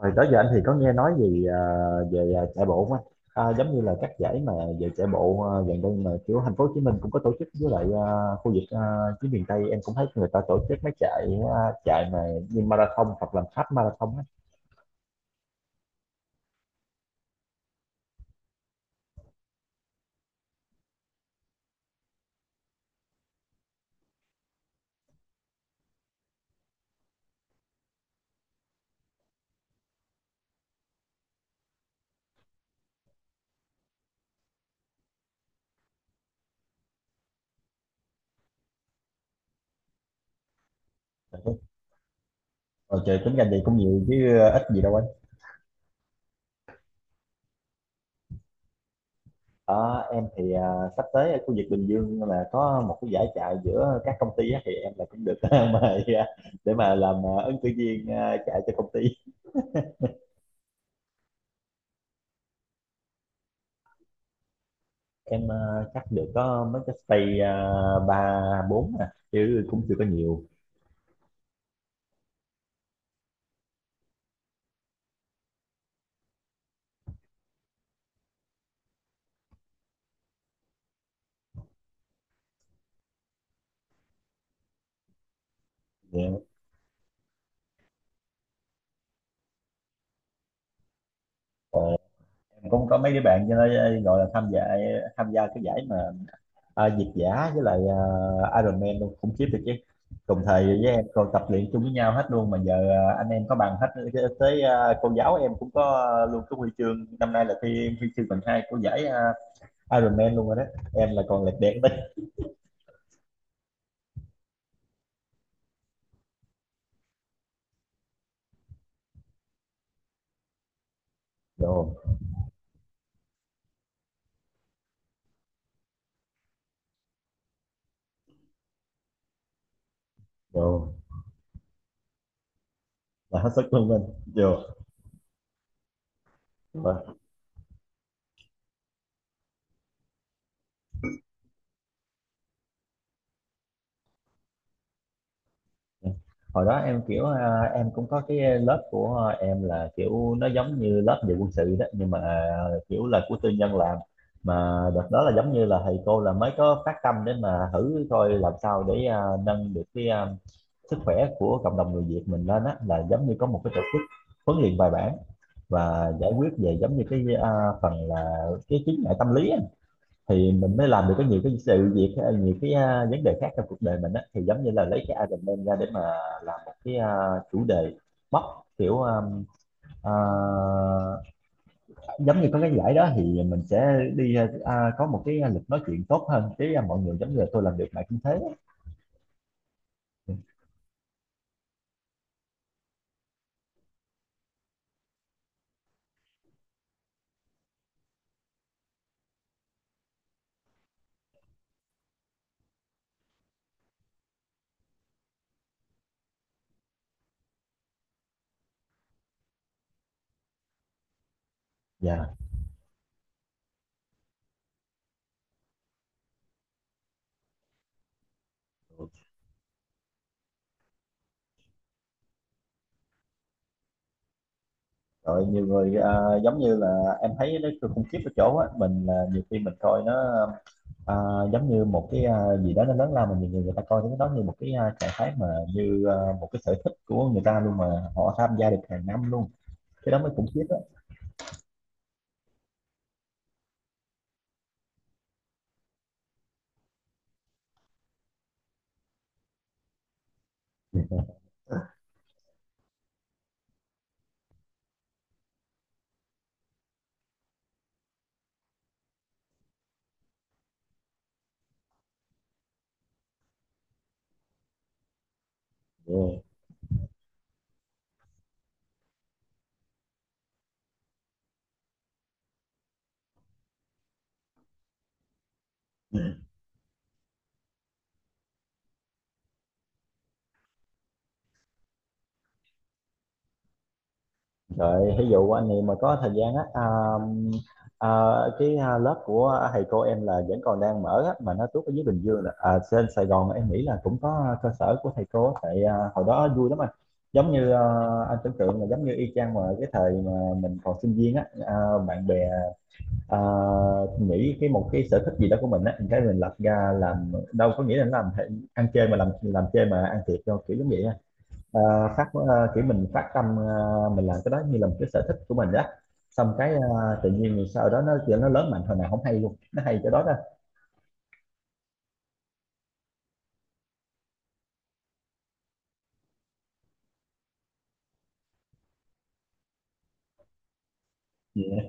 Rồi đó giờ anh thì có nghe nói gì về chạy bộ không anh? À, giống như là các giải mà về chạy bộ gần đây mà kiểu thành phố Hồ Chí Minh cũng có tổ chức với lại khu vực phía miền Tây em cũng thấy người ta tổ chức mấy chạy à, chạy mà như marathon hoặc là half marathon á. Rồi trời, tính ra vậy cũng nhiều chứ ít gì đâu anh. Ờ, em thì sắp tới ở khu vực Bình Dương là có một cái giải chạy giữa các công ty á, thì em là cũng được mời để mà làm ứng cử viên chạy cho công ty. Em chắc được có mấy cái stay ba bốn à, chứ cũng chưa có nhiều. Dạ. Em cũng có mấy đứa bạn cho nó gọi là tham gia, tham gia cái giải mà việt giả với lại Ironman luôn, khủng khiếp được chứ, cùng thời với em còn tập luyện chung với nhau hết luôn mà giờ anh em có bằng hết. Tới cô giáo em cũng có luôn cái huy chương, năm nay là thi huy chương bằng hai của giải Ironman luôn rồi đó, em là còn lệch đèn đấy. Rồi rồi là hết sức luôn anh rồi. Ừ. Hồi đó em kiểu em cũng có cái lớp của em là kiểu nó giống như lớp về quân sự đó, nhưng mà kiểu là của tư nhân làm, mà đợt đó là giống như là thầy cô là mới có phát tâm để mà thử coi làm sao để nâng được cái sức khỏe của cộng đồng người Việt mình lên á, là giống như có một cái tổ chức huấn luyện bài bản và giải quyết về giống như cái phần là cái chứng ngại tâm lý á, thì mình mới làm được có nhiều cái sự việc hay, nhiều cái vấn đề khác trong cuộc đời mình á, thì giống như là lấy cái Iron Man ra để mà làm một cái chủ đề, mốc, kiểu à, giống như có cái giải đó thì mình sẽ đi có một cái lịch nói chuyện tốt hơn với mọi người giống như là tôi làm được lại cũng thế á. Dạ. Rồi nhiều người giống như là em thấy nó khủng khiếp ở chỗ á, mình là nhiều khi mình coi nó, À, giống như một cái gì đó nó lớn lao, mà nhiều người, người ta coi cái đó như một cái trạng thái mà như một cái sở thích của người ta luôn, mà họ tham gia được hàng năm luôn, cái đó mới khủng khiếp đó. Yeah. Rồi ví dụ anh em mà có thời gian á à, cái lớp của thầy cô em là vẫn còn đang mở á, mà nó tuốt ở dưới Bình Dương là trên Sài Gòn em nghĩ là cũng có cơ sở của thầy cô á, tại hồi đó vui lắm anh, giống như anh tưởng tượng là giống như y chang mà cái thời mà mình còn sinh viên á bạn bè. À, nghĩ cái một cái sở thích gì đó của mình á, cái mình lập ra làm đâu có nghĩa là làm ăn chơi mà làm chơi mà ăn thiệt đâu, kiểu giống vậy á. à, Kiểu mình phát tâm mình làm cái đó như là một cái sở thích của mình đó, xong cái tự nhiên rồi sau đó nó lớn mạnh hồi nào không hay luôn, nó hay cái đó đó. Yeah.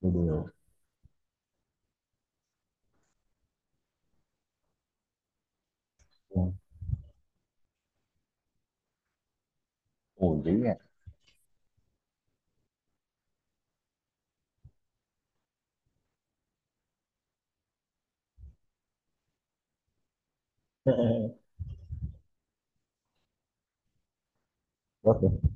Đùa, đùa. Ồ, dữ nha. Có.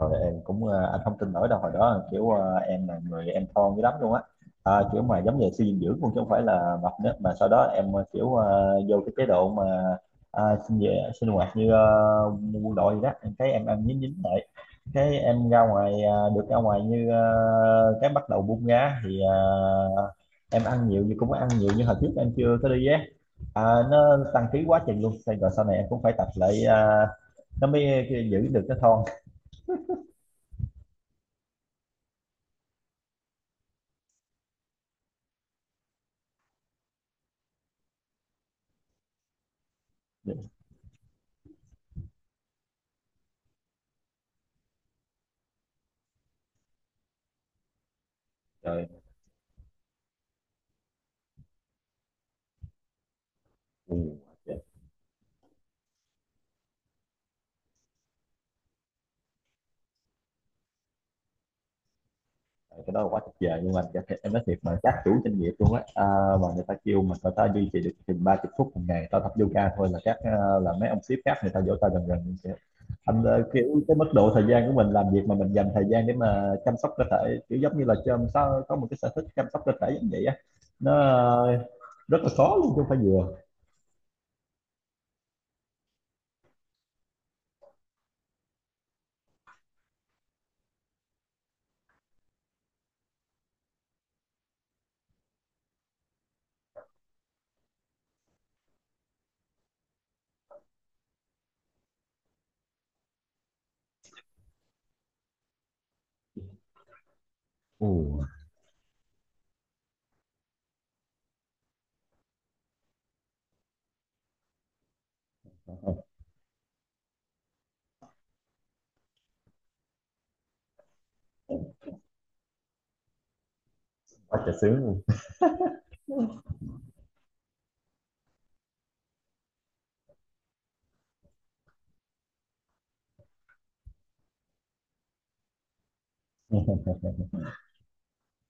Rồi em cũng anh không tin nổi đâu, hồi đó kiểu em là người em thon dữ lắm luôn á kiểu mà giống như suy dinh dưỡng cũng, chứ không phải là mập nữa. Mà sau đó em kiểu vô cái chế độ mà sinh về sinh hoạt như quân đội gì đó, em thấy em ăn nhín nhín lại, cái em ra ngoài được ra ngoài như cái bắt đầu bung ra thì em ăn nhiều, nhưng cũng ăn nhiều như hồi trước em chưa có đi á à, nó tăng ký quá trình luôn. Xong rồi sau này em cũng phải tập lại nó mới giữ được cái thon rồi. Ừ, trời, cái đó là quá tuyệt vời luôn anh. Dạ, thiệt, em nói thiệt mà các chủ doanh nghiệp luôn á mà người ta kêu mình, người ta duy trì được chừng 30 phút một ngày tao tập yoga thôi, là các là mấy ông sếp khác người ta vỗ tay rần rần. Kìa. Anh kiểu cái mức độ thời gian của mình làm việc mà mình dành thời gian để mà chăm sóc cơ thể, kiểu giống như là chăm sao có một cái sở thích chăm sóc cơ thể giống vậy á, nó à, rất là khó luôn, chứ không phải vừa. Ừ, quá trời sướng luôn.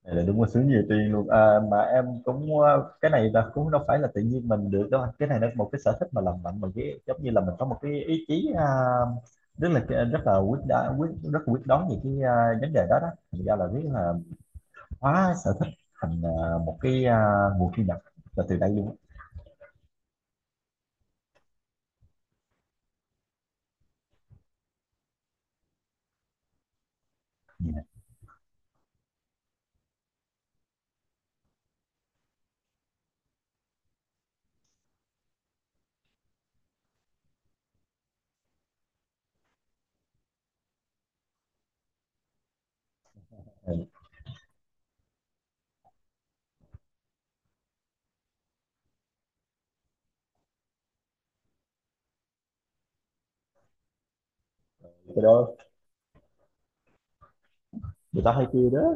Này là đúng là sướng nhiều tiền luôn mà em cũng cái này là cũng đâu phải là tự nhiên mình được đâu anh. Cái này là một cái sở thích mà làm mạnh mình, cái giống như là mình có một cái ý chí rất là rất là quyết, rất là quyết đoán về cái vấn đề đó đó, thành ra là biết là hóa sở thích thành một cái nguồn thu nhập là từ đây luôn. Ừ. Cái đó người ta hay kêu đó.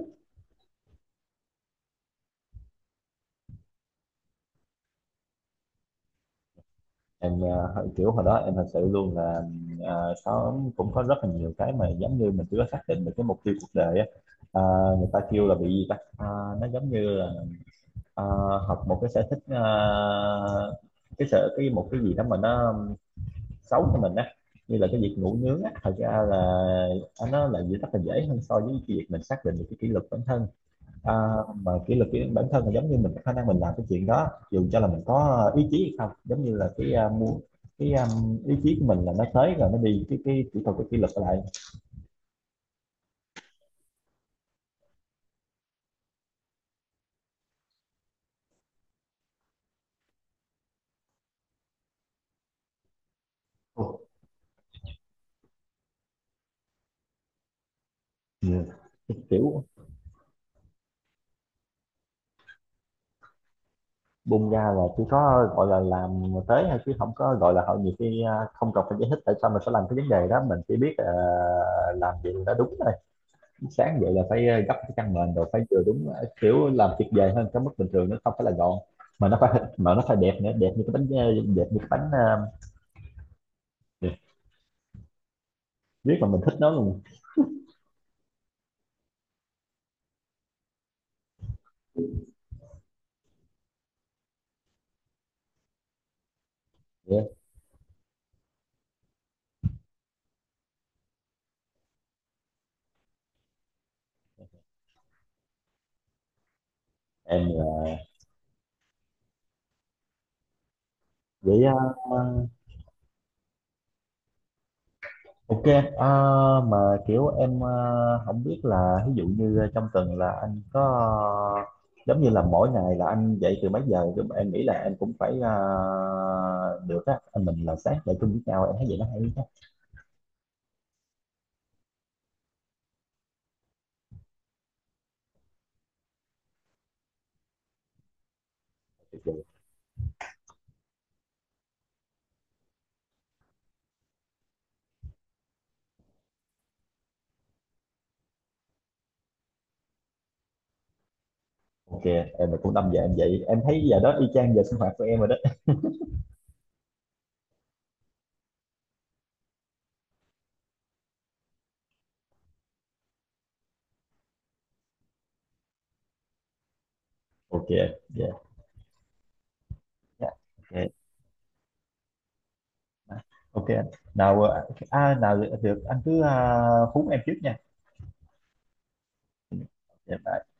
Em kiểu hồi đó em thật sự luôn là có, cũng có rất là nhiều cái mà giống như mình chưa có xác định được cái mục tiêu cuộc đời á. Ờ, người ta kêu là bị gì ta. Ờ, nó giống như là ờ, học một cái sở thích cái sở, cái một cái gì đó mà nó xấu cho mình á, như là cái việc ngủ nướng á, thật ra là nó là gì rất là dễ hơn so với cái việc mình xác định được cái kỷ luật bản thân. À, mà kỷ luật cái bản thân là giống như mình có khả năng mình làm cái chuyện đó dù cho là mình có ý chí hay không, giống như là cái muốn, cái ý chí của mình là nó tới rồi nó đi, cái kỹ thuật, cái kỷ luật lại. Ừ. Kiểu bung ra là chỉ có gọi là làm tới hay, chứ không có gọi là họ nhiều khi không cần phải giải thích tại sao mình phải làm cái vấn đề đó, mình chỉ biết làm gì là đúng thôi. Sáng dậy là phải gấp cái chăn mền rồi phải vừa đúng kiểu làm tuyệt vời hơn cái mức bình thường, nó không phải là gọn mà nó phải, mà nó phải đẹp nữa, đẹp như cái bánh đẹp như cái bánh. Yeah, biết là mình thích nó luôn. Yeah. Em là- vậy ok. ờ, mà kiểu em không biết là ví dụ như trong tuần là anh có ờ, giống như là mỗi ngày là anh dậy từ mấy giờ? Giống- em nghĩ là em cũng phải được á anh, mình là sáng dậy chung với nhau em thấy vậy nó hay á. Ok. Em là cũng 5 giờ em dậy, em thấy giờ đó y chang giờ sinh hoạt của em rồi đó. Ok. Yeah, yeah. Ok. Ok anh. Nào nào được được, anh cứ hú em trước nha. Dạ, bye.